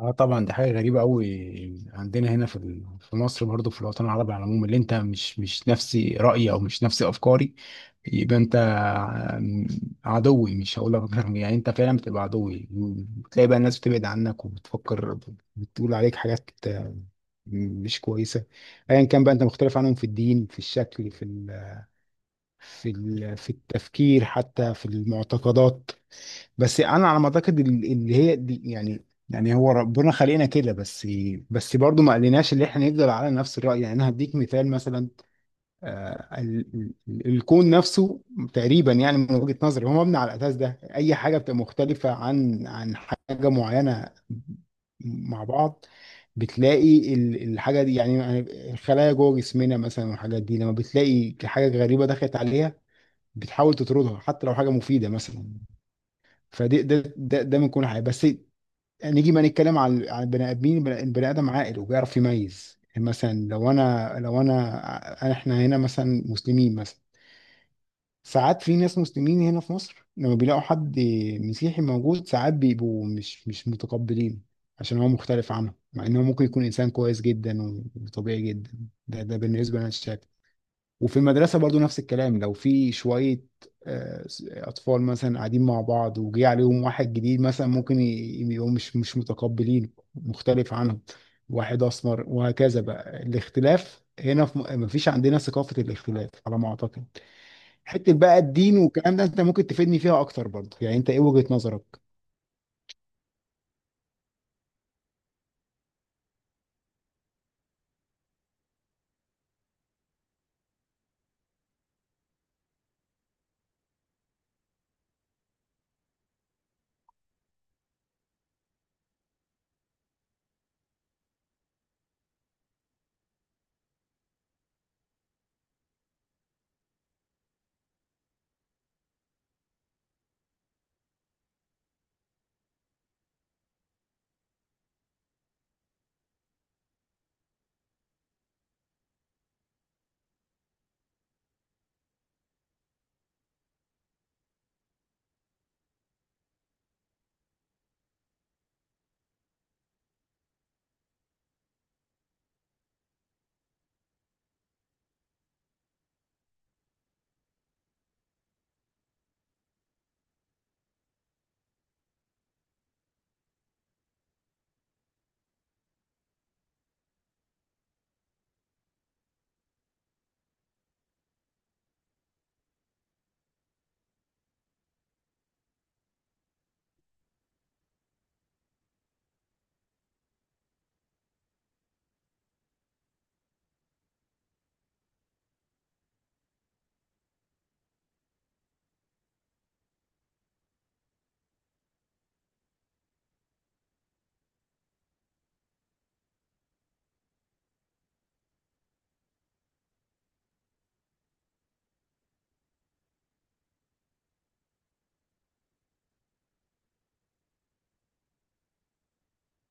اه طبعا دي حاجه غريبه قوي عندنا هنا في مصر برضه في الوطن العربي على العموم اللي انت مش نفسي رايي او مش نفسي افكاري يبقى عدوي مش هقول لك يعني انت فعلا بتبقى عدوي، بتلاقي بقى الناس بتبعد عنك وبتفكر، بتقول عليك حاجات مش كويسه. ايا كان بقى انت مختلف عنهم في الدين في الشكل في التفكير حتى في المعتقدات. بس انا على ما اعتقد اللي هي دي يعني هو ربنا خلقنا كده. بس بس برضه ما قالناش اللي احنا نفضل على نفس الرأي. يعني انا هديك مثال مثلا، الكون نفسه تقريبا، يعني من وجهة نظري، هو مبني على الاساس ده. اي حاجة بتبقى مختلفة عن حاجة معينة مع بعض، بتلاقي الحاجة دي يعني، الخلايا جوه جسمنا مثلا والحاجات دي، لما بتلاقي حاجة غريبة دخلت عليها بتحاول تطردها حتى لو حاجة مفيدة مثلا. فدي ده من كل حاجه. بس نيجي ما نتكلم عن البني ادمين. البني ادم عاقل وبيعرف يميز. يعني مثلا لو انا، احنا هنا مثلا مسلمين مثلا، ساعات في ناس مسلمين هنا في مصر لما بيلاقوا حد مسيحي موجود ساعات بيبقوا مش متقبلين عشان هو مختلف عنهم، مع انه ممكن يكون انسان كويس جدا وطبيعي جدا. ده ده بالنسبه لنا الشايف. وفي المدرسة برضو نفس الكلام، لو في شوية آه، أطفال مثلا قاعدين مع بعض وجي عليهم واحد جديد مثلا، ممكن يبقوا مش متقبلين مختلف عنهم، واحد أسمر وهكذا. بقى الاختلاف هنا في مفيش عندنا ثقافة الاختلاف على ما أعتقد. حتة بقى الدين والكلام ده أنت ممكن تفيدني فيها أكتر برضو، يعني أنت إيه وجهة نظرك؟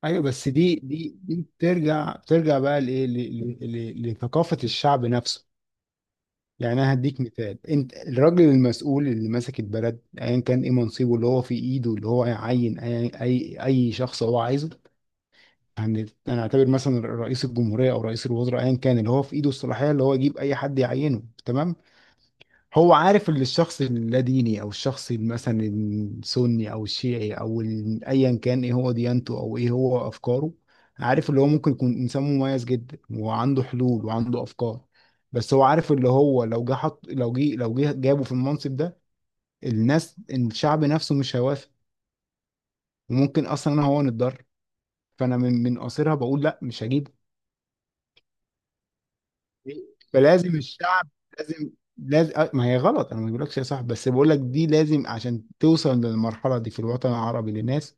أيوه، بس دي بترجع بقى لإيه، ل- لثقافة الشعب نفسه. يعني انا هديك مثال، انت الراجل المسؤول اللي ماسك البلد ايا كان ايه منصبه، اللي هو في ايده اللي هو يعين اي شخص هو عايزه. يعني انا اعتبر مثلا رئيس الجمهوريه او رئيس الوزراء ايا كان، اللي هو في ايده الصلاحيه اللي هو يجيب اي حد يعينه، تمام. هو عارف ان الشخص اللاديني او الشخص مثلا السني او الشيعي ايا كان ايه هو ديانته او ايه هو افكاره، عارف اللي هو ممكن يكون انسان مميز جدا وعنده حلول وعنده افكار، بس هو عارف اللي هو لو جه حط لو جه لو جه جابه في المنصب ده، الناس الشعب نفسه مش هيوافق، وممكن اصلا انا هو نتضرر. فانا من قصرها بقول لا، مش هجيب. فلازم الشعب لازم، لازم ما هي غلط. انا ما بقولكش يا صاحبي، بس بقولك دي لازم عشان توصل للمرحله دي في الوطن العربي للناس.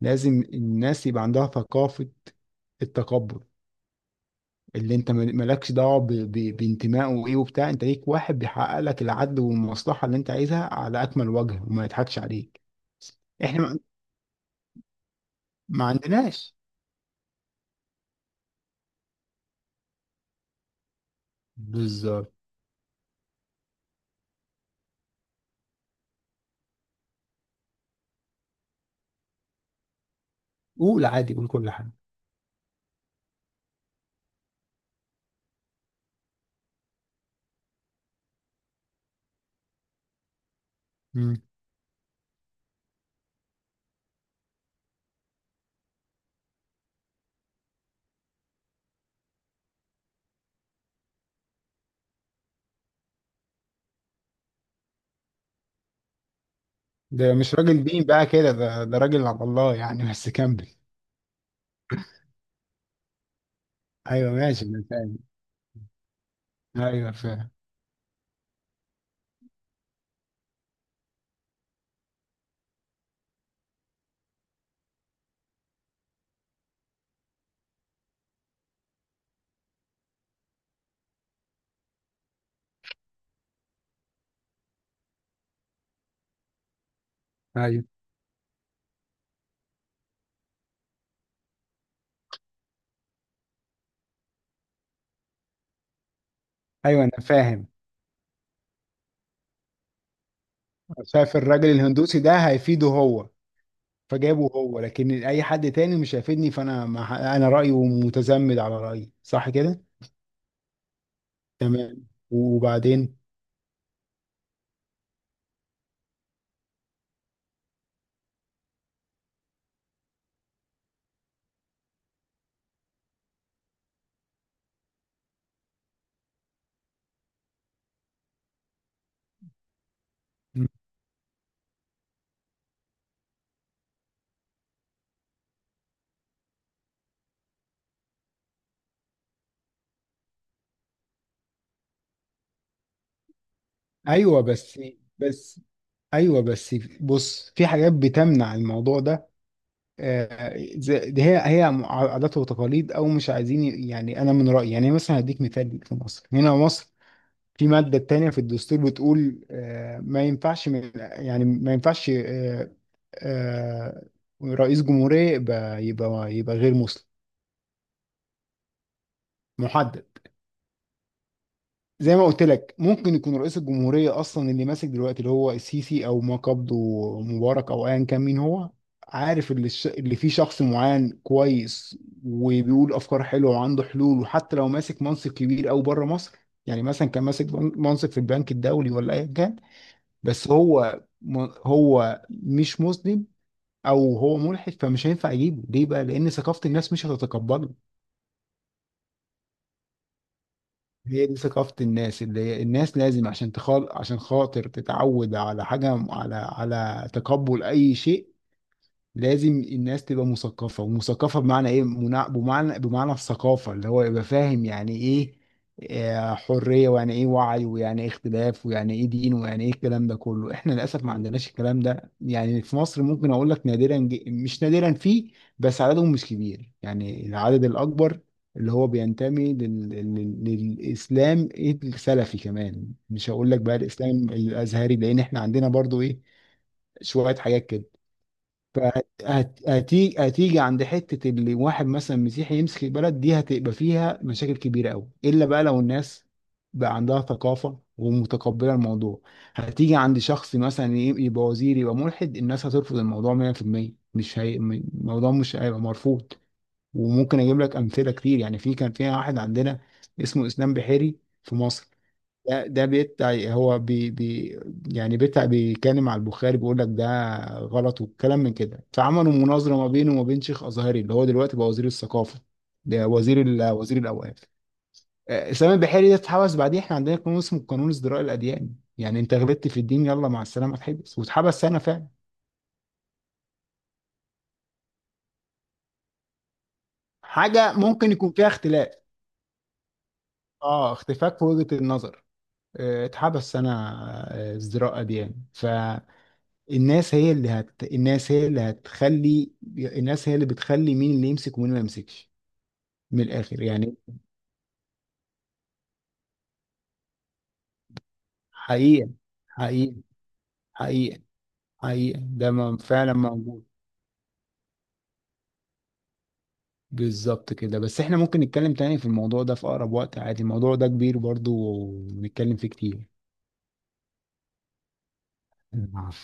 لازم الناس يبقى عندها ثقافه التقبل، اللي انت مالكش دعوه بانتمائه وايه وبتاع. انت ليك واحد بيحقق لك العدل والمصلحه اللي انت عايزها على اكمل وجه، وما يضحكش عليك. احنا ما عندناش. بالظبط. قول عادي، قول كل حاجه. مم. ده مش راجل دين بقى كده، ده ده راجل على الله يعني، بس كمل. ايوه ماشي انا فاهم. ايوه فاهم. ايوه ايوه انا فاهم. شايف الراجل الهندوسي ده هيفيده هو، فجابه هو. لكن اي حد تاني مش هيفيدني، فانا ما انا رايي ومتزمد على رايي، صح كده؟ تمام، وبعدين. مم. ايوه بس بس ايوه بس بص، في حاجات بتمنع الموضوع ده، دي هي عادات وتقاليد، او مش عايزين. يعني انا من رايي يعني، مثلا هديك مثال في مصر. هنا مصر في مادة تانية في الدستور بتقول ما ينفعش من، يعني ما ينفعش، آه، رئيس جمهورية يبقى غير مسلم. محدد. زي ما قلت لك، ممكن يكون رئيس الجمهورية أصلا اللي ماسك دلوقتي اللي هو السيسي، أو ما قبضه مبارك أو أيا كان مين هو، عارف اللي فيه شخص معين كويس وبيقول أفكار حلوة وعنده حلول، وحتى لو ماسك منصب كبير أو بره مصر، يعني مثلا كان ماسك منصب في البنك الدولي ولا أيا كان، بس هو هو مش مسلم او هو ملحد، فمش هينفع اجيبه. ليه بقى؟ لان ثقافه الناس مش هتتقبله. هي دي ثقافه الناس، اللي هي الناس لازم عشان تخال عشان خاطر تتعود على حاجه، على تقبل اي شيء، لازم الناس تبقى مثقفة. ومثقفة بمعنى ايه؟ بمعنى الثقافة اللي هو يبقى فاهم يعني ايه حرية، ويعني ايه وعي، ويعني ايه اختلاف، ويعني ايه دين، ويعني ايه. الكلام ده كله احنا للأسف ما عندناش الكلام ده. يعني في مصر ممكن اقول لك نادرا، ج- مش نادرا، فيه، بس عددهم مش كبير. يعني العدد الأكبر اللي هو بينتمي للإسلام السلفي كمان، مش هقول لك بقى الإسلام الأزهري لأن احنا عندنا برضو ايه شوية حاجات كده. فهتيجي عند حته اللي واحد مثلا مسيحي يمسك البلد، دي هتبقى فيها مشاكل كبيره قوي، الا بقى لو الناس بقى عندها ثقافه ومتقبله الموضوع. هتيجي عند شخص مثلا يبقى وزير يبقى ملحد، الناس هترفض الموضوع 100%. مش هي... م- الموضوع مش هيبقى مرفوض. وممكن اجيب لك امثله كتير. يعني في كان فيها واحد عندنا اسمه اسلام بحيري في مصر، ده ده بيتع هو بي بي يعني بيتع بيكلم على البخاري، بيقول لك ده غلط والكلام من كده، فعملوا مناظره ما بينه وما بين شيخ ازهري اللي هو دلوقتي بقى وزير الثقافه، ده وزير وزير الاوقاف. سامي البحيري ده اتحبس بعديه. احنا عندنا قانون اسمه قانون ازدراء الاديان، يعني انت غلطت في الدين، يلا مع السلامه اتحبس، واتحبس سنه فعلا. حاجه ممكن يكون فيها اختلاف. اه، اختفاء في وجهه النظر، اتحبس سنه، ازدراء اديان. ف الناس هي الناس هي اللي هتخلي، الناس هي اللي بتخلي مين اللي يمسك ومين ما يمسكش، من الآخر يعني. حقيقة، حقيقة، حقيقة. فعلا موجود. بالظبط كده. بس احنا ممكن نتكلم تاني في الموضوع ده في أقرب وقت عادي، الموضوع ده كبير برضو ونتكلم فيه كتير. العفو.